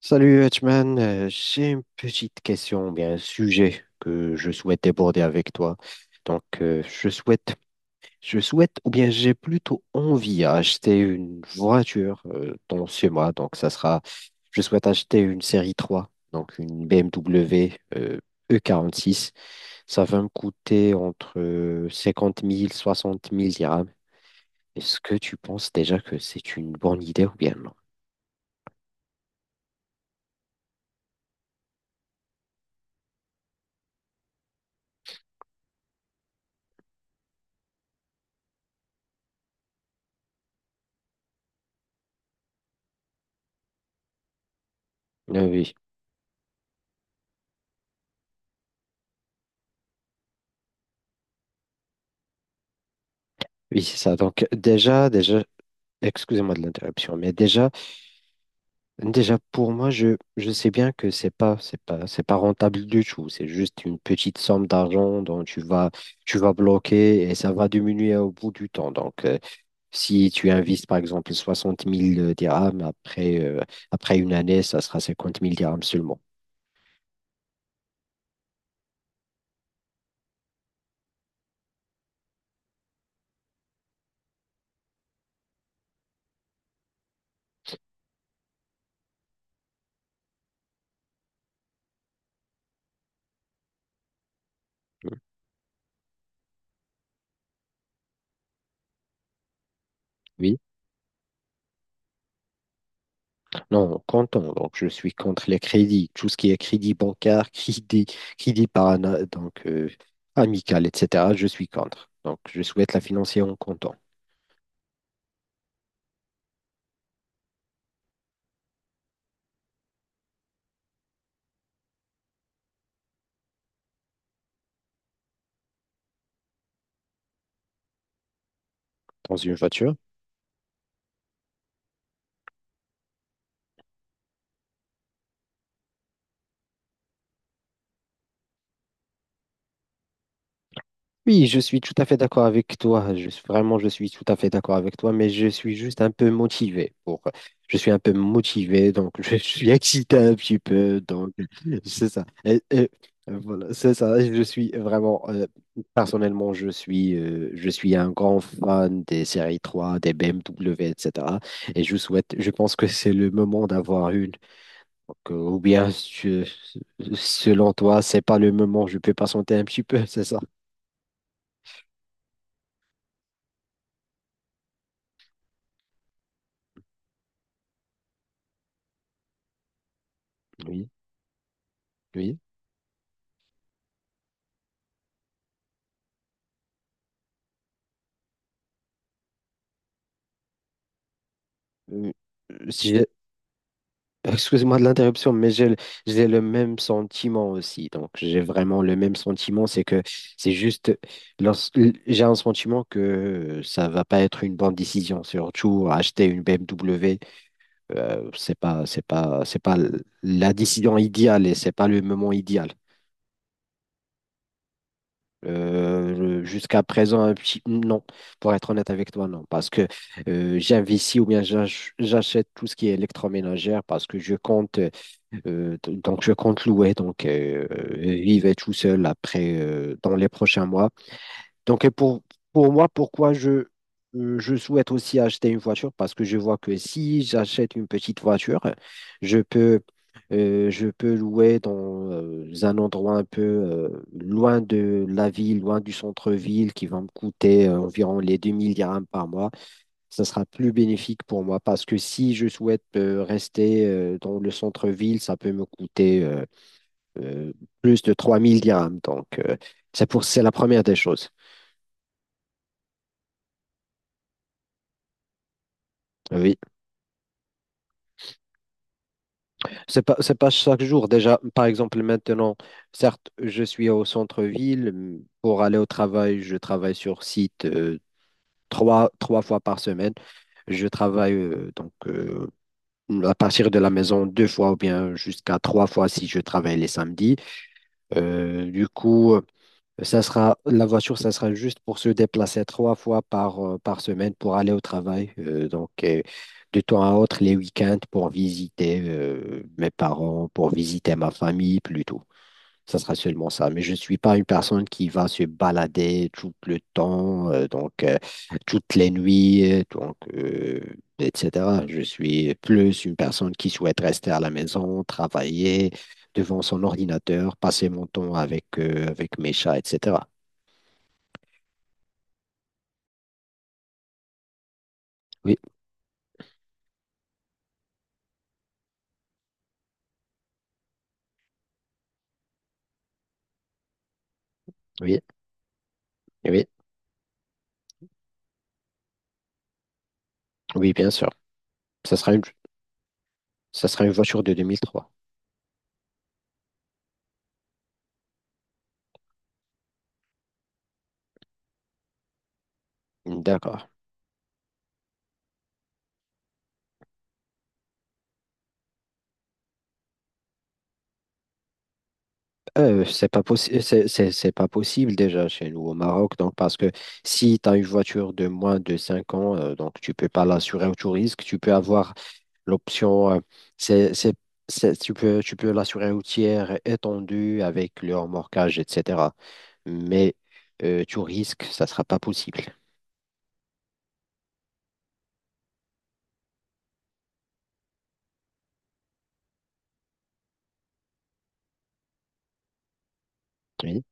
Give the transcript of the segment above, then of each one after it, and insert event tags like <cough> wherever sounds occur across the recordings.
Salut Hutchman. J'ai une petite question, bien un sujet que je souhaite aborder avec toi. Donc, je souhaite, ou bien j'ai plutôt envie à acheter une voiture dans ce mois. Donc, ça sera, je souhaite acheter une série 3, donc une BMW E46. Ça va me coûter entre 50 000, 60 000 dirhams. Est-ce que tu penses déjà que c'est une bonne idée ou bien non? Oui, oui, c'est ça. Donc déjà, excusez-moi de l'interruption, mais déjà, déjà, pour moi, je sais bien que c'est pas rentable du tout. C'est juste une petite somme d'argent dont tu vas bloquer et ça va diminuer au bout du temps. Donc, si tu investis, par exemple, 60 000 dirhams, après une année, ça sera 50 000 dirhams seulement. Mm. Oui, non, comptons. Donc, je suis contre les crédits. Tout ce qui est crédit bancaire, <laughs> crédit parana, donc, amical, etc., je suis contre. Donc, je souhaite la financer en comptant. Dans une voiture? Oui, je suis tout à fait d'accord avec toi. Je suis, vraiment, je suis tout à fait d'accord avec toi, mais je suis juste un peu motivé pour, je suis un peu motivé, donc <laughs> je suis excité un petit peu, donc c'est ça. Voilà, c'est ça. Je suis vraiment, personnellement, je suis un grand fan des séries 3, des BMW, etc. Et cetera. Et je pense que c'est le moment d'avoir une. Donc, ou bien, selon toi, c'est pas le moment, je peux patienter un petit peu, <laughs> c'est ça? Oui. Oui. Mm. si j'ai- <laughs> Excuse-moi de l'interruption, mais j'ai le même sentiment aussi. Donc, j'ai vraiment le même sentiment. C'est que c'est juste, lors- j'ai un sentiment que ça va pas être une bonne décision. Surtout, acheter une BMW, c'est pas la décision idéale et c'est pas le moment idéal. Jusqu'à présent, un petit non, pour être honnête avec toi, non, parce que j'investis ou bien j'achète tout ce qui est électroménager parce que je compte. Donc, je compte louer. Donc, il va tout seul après, dans les prochains mois. Donc, et pour moi, pourquoi je souhaite aussi acheter une voiture? Parce que je vois que si j'achète une petite voiture, je peux, je peux louer dans un endroit un peu loin de la ville, loin du centre-ville, qui va me coûter environ les 2 000 dirhams par mois. Ça sera plus bénéfique pour moi parce que si je souhaite rester dans le centre-ville, ça peut me coûter euh, plus de 3 000 dirhams. Donc, c'est la première des choses. Oui, c'est pas chaque jour. Déjà, par exemple, maintenant, certes, je suis au centre-ville. Pour aller au travail, je travaille sur site trois fois par semaine. Je travaille à partir de la maison deux fois ou bien jusqu'à trois fois si je travaille les samedis. Du coup, ça sera, la voiture, ça sera juste pour se déplacer trois fois par semaine pour aller au travail. De temps à autre, les week-ends pour visiter mes parents, pour visiter ma famille plutôt. Ça sera seulement ça. Mais je ne suis pas une personne qui va se balader tout le temps, toutes les nuits, etc. Je suis plus une personne qui souhaite rester à la maison, travailler devant son ordinateur, passer mon temps avec mes chats, etc. Oui, oui, oui, oui, bien sûr. Ça sera une, Ça sera une voiture de 2003. D'accord. C'est pas possible, c'est pas possible déjà chez nous au Maroc. Donc, parce que si tu as une voiture de moins de 5 ans, donc tu peux pas l'assurer au touriste. Tu peux avoir l'option, c'est, c'est, tu peux l'assurer au tiers étendu avec le remorquage, etc. Mais tu risques, ça sera pas possible. Oui,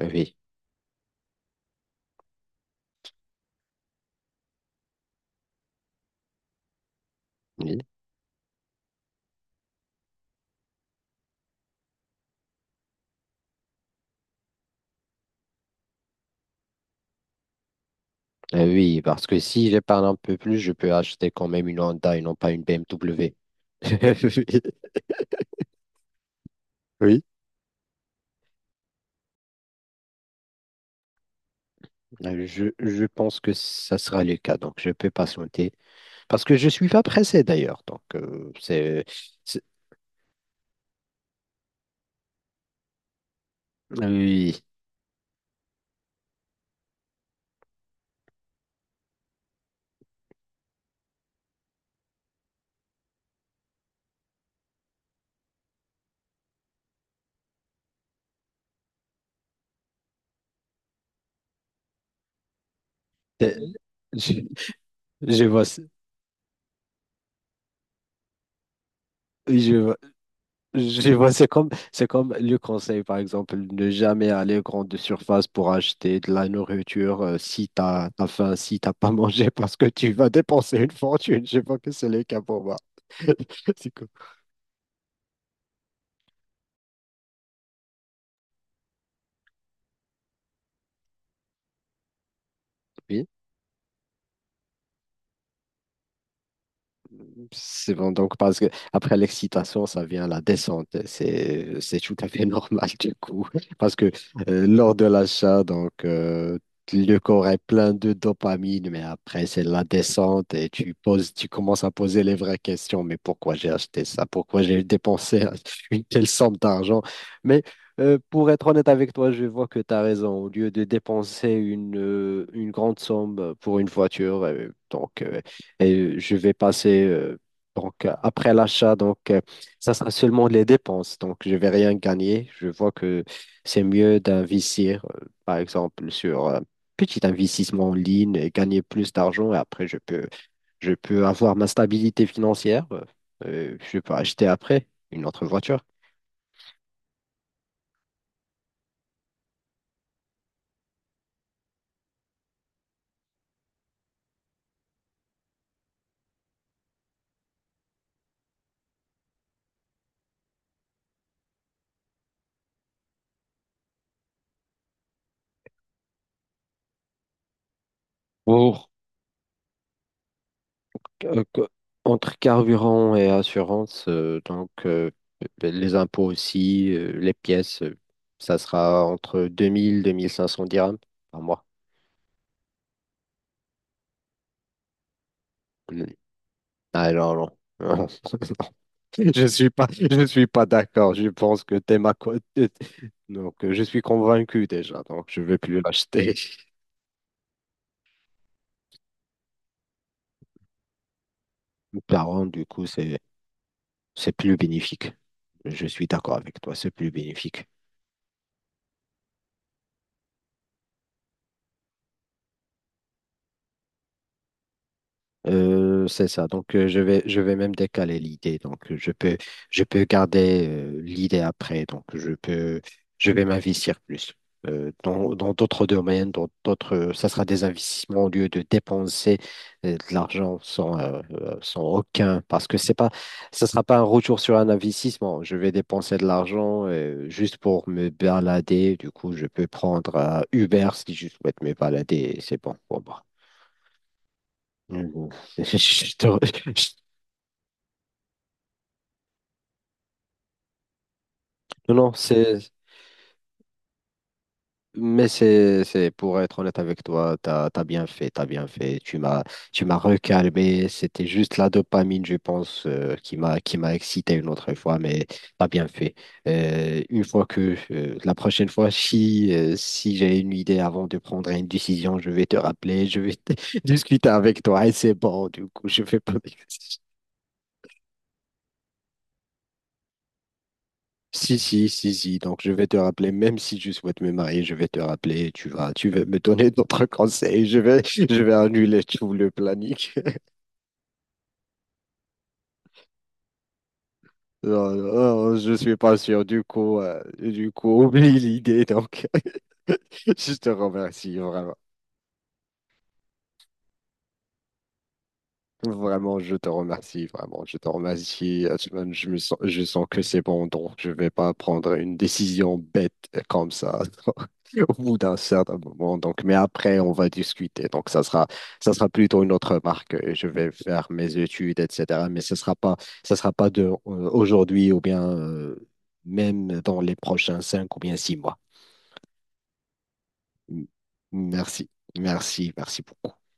oui, oui. Oui, parce que si j'épargne un peu plus, je peux acheter quand même une Honda et non pas une BMW. <laughs> Oui, je pense que ça sera le cas, donc je peux patienter. Parce que je suis pas pressé d'ailleurs, donc c'est- Oui, c'est- <laughs> je, je vois, ça. Oui, je vois, c'est comme le conseil, par exemple, ne jamais aller aux grandes surfaces pour acheter de la nourriture si t'as faim, si t'as pas <laughs> mangé, parce que tu vas dépenser une fortune. Je vois que c'est le cas pour moi. <laughs> C'est cool. C'est bon, donc parce que après l'excitation, ça vient la descente. C'est tout à fait <laughs> normal du coup. Parce que lors de l'achat, le corps est plein de dopamine, mais après c'est la descente et tu commences à poser les vraies questions. Mais pourquoi j'ai acheté ça? Pourquoi j'ai dépensé <laughs> une telle somme d'argent? Mais pour être honnête avec toi, je vois que tu as raison. Au lieu de dépenser une grande somme pour une voiture, et je vais passer après l'achat, ça sera seulement les dépenses. Donc, je vais rien gagner. Je vois que c'est mieux d'investir, par exemple, sur un petit investissement en ligne et gagner plus d'argent. Et après, je peux avoir ma stabilité financière. Je peux acheter après une autre voiture. Pour, euh, que- Entre carburant et assurance, ben, les impôts aussi, les pièces, ça sera entre 2 000 et 2 500 dirhams par mois. Mm. Ah non, non. <laughs> <laughs> Je suis pas d'accord. Je pense que t'es ma co- t'es-. Donc, je suis convaincu déjà. Donc, je vais plus l'acheter. <laughs> Par contre, du coup, c'est plus bénéfique. Je suis d'accord avec toi. C'est plus bénéfique. C'est ça. Donc, je vais même décaler l'idée. Donc, je peux garder l'idée après. Donc, je vais m'investir plus dans d'autres domaines, dans d'autres. Ça sera des investissements au lieu de dépenser de l'argent sans aucun. Parce que c'est pas, Ça sera pas un retour sur un investissement. Je vais dépenser de l'argent juste pour me balader. Du coup, je peux prendre Uber si je souhaite me balader. C'est bon pour moi. Mhm. <laughs> Je te re- je- <laughs> Non, non. Mais pour être honnête avec toi, t'as bien fait, t'as bien fait. Tu m'as recalmé. C'était juste la dopamine, je pense, qui m'a excité une autre fois, mais t'as bien fait. La prochaine fois, si j'ai une idée avant de prendre une décision, je vais te rappeler, je vais <laughs> discuter avec toi et c'est bon, du coup, je fais pas. <laughs> Si, si, si, si. Donc, je vais te rappeler, même si tu souhaites me marier, je vais te rappeler. Tu vas me donner d'autres <laughs> conseils. Je vais annuler tout le planning. <laughs> Non, non, je suis pas sûr. Du coup, <laughs> oublie l'idée. Donc, <laughs> je te remercie vraiment. Vraiment, je te remercie, vraiment, je te remercie, Asman. Je sens que c'est bon, donc je vais pas prendre une décision bête comme ça <laughs> au bout d'un certain moment. Donc, mais après, on va discuter. Donc, ça sera plutôt une autre marque. Je vais faire mes études, etc. Mais ce sera pas, Ça sera pas de aujourd'hui ou bien même dans les prochains 5 ou bien 6 mois. M- Merci, merci, merci beaucoup.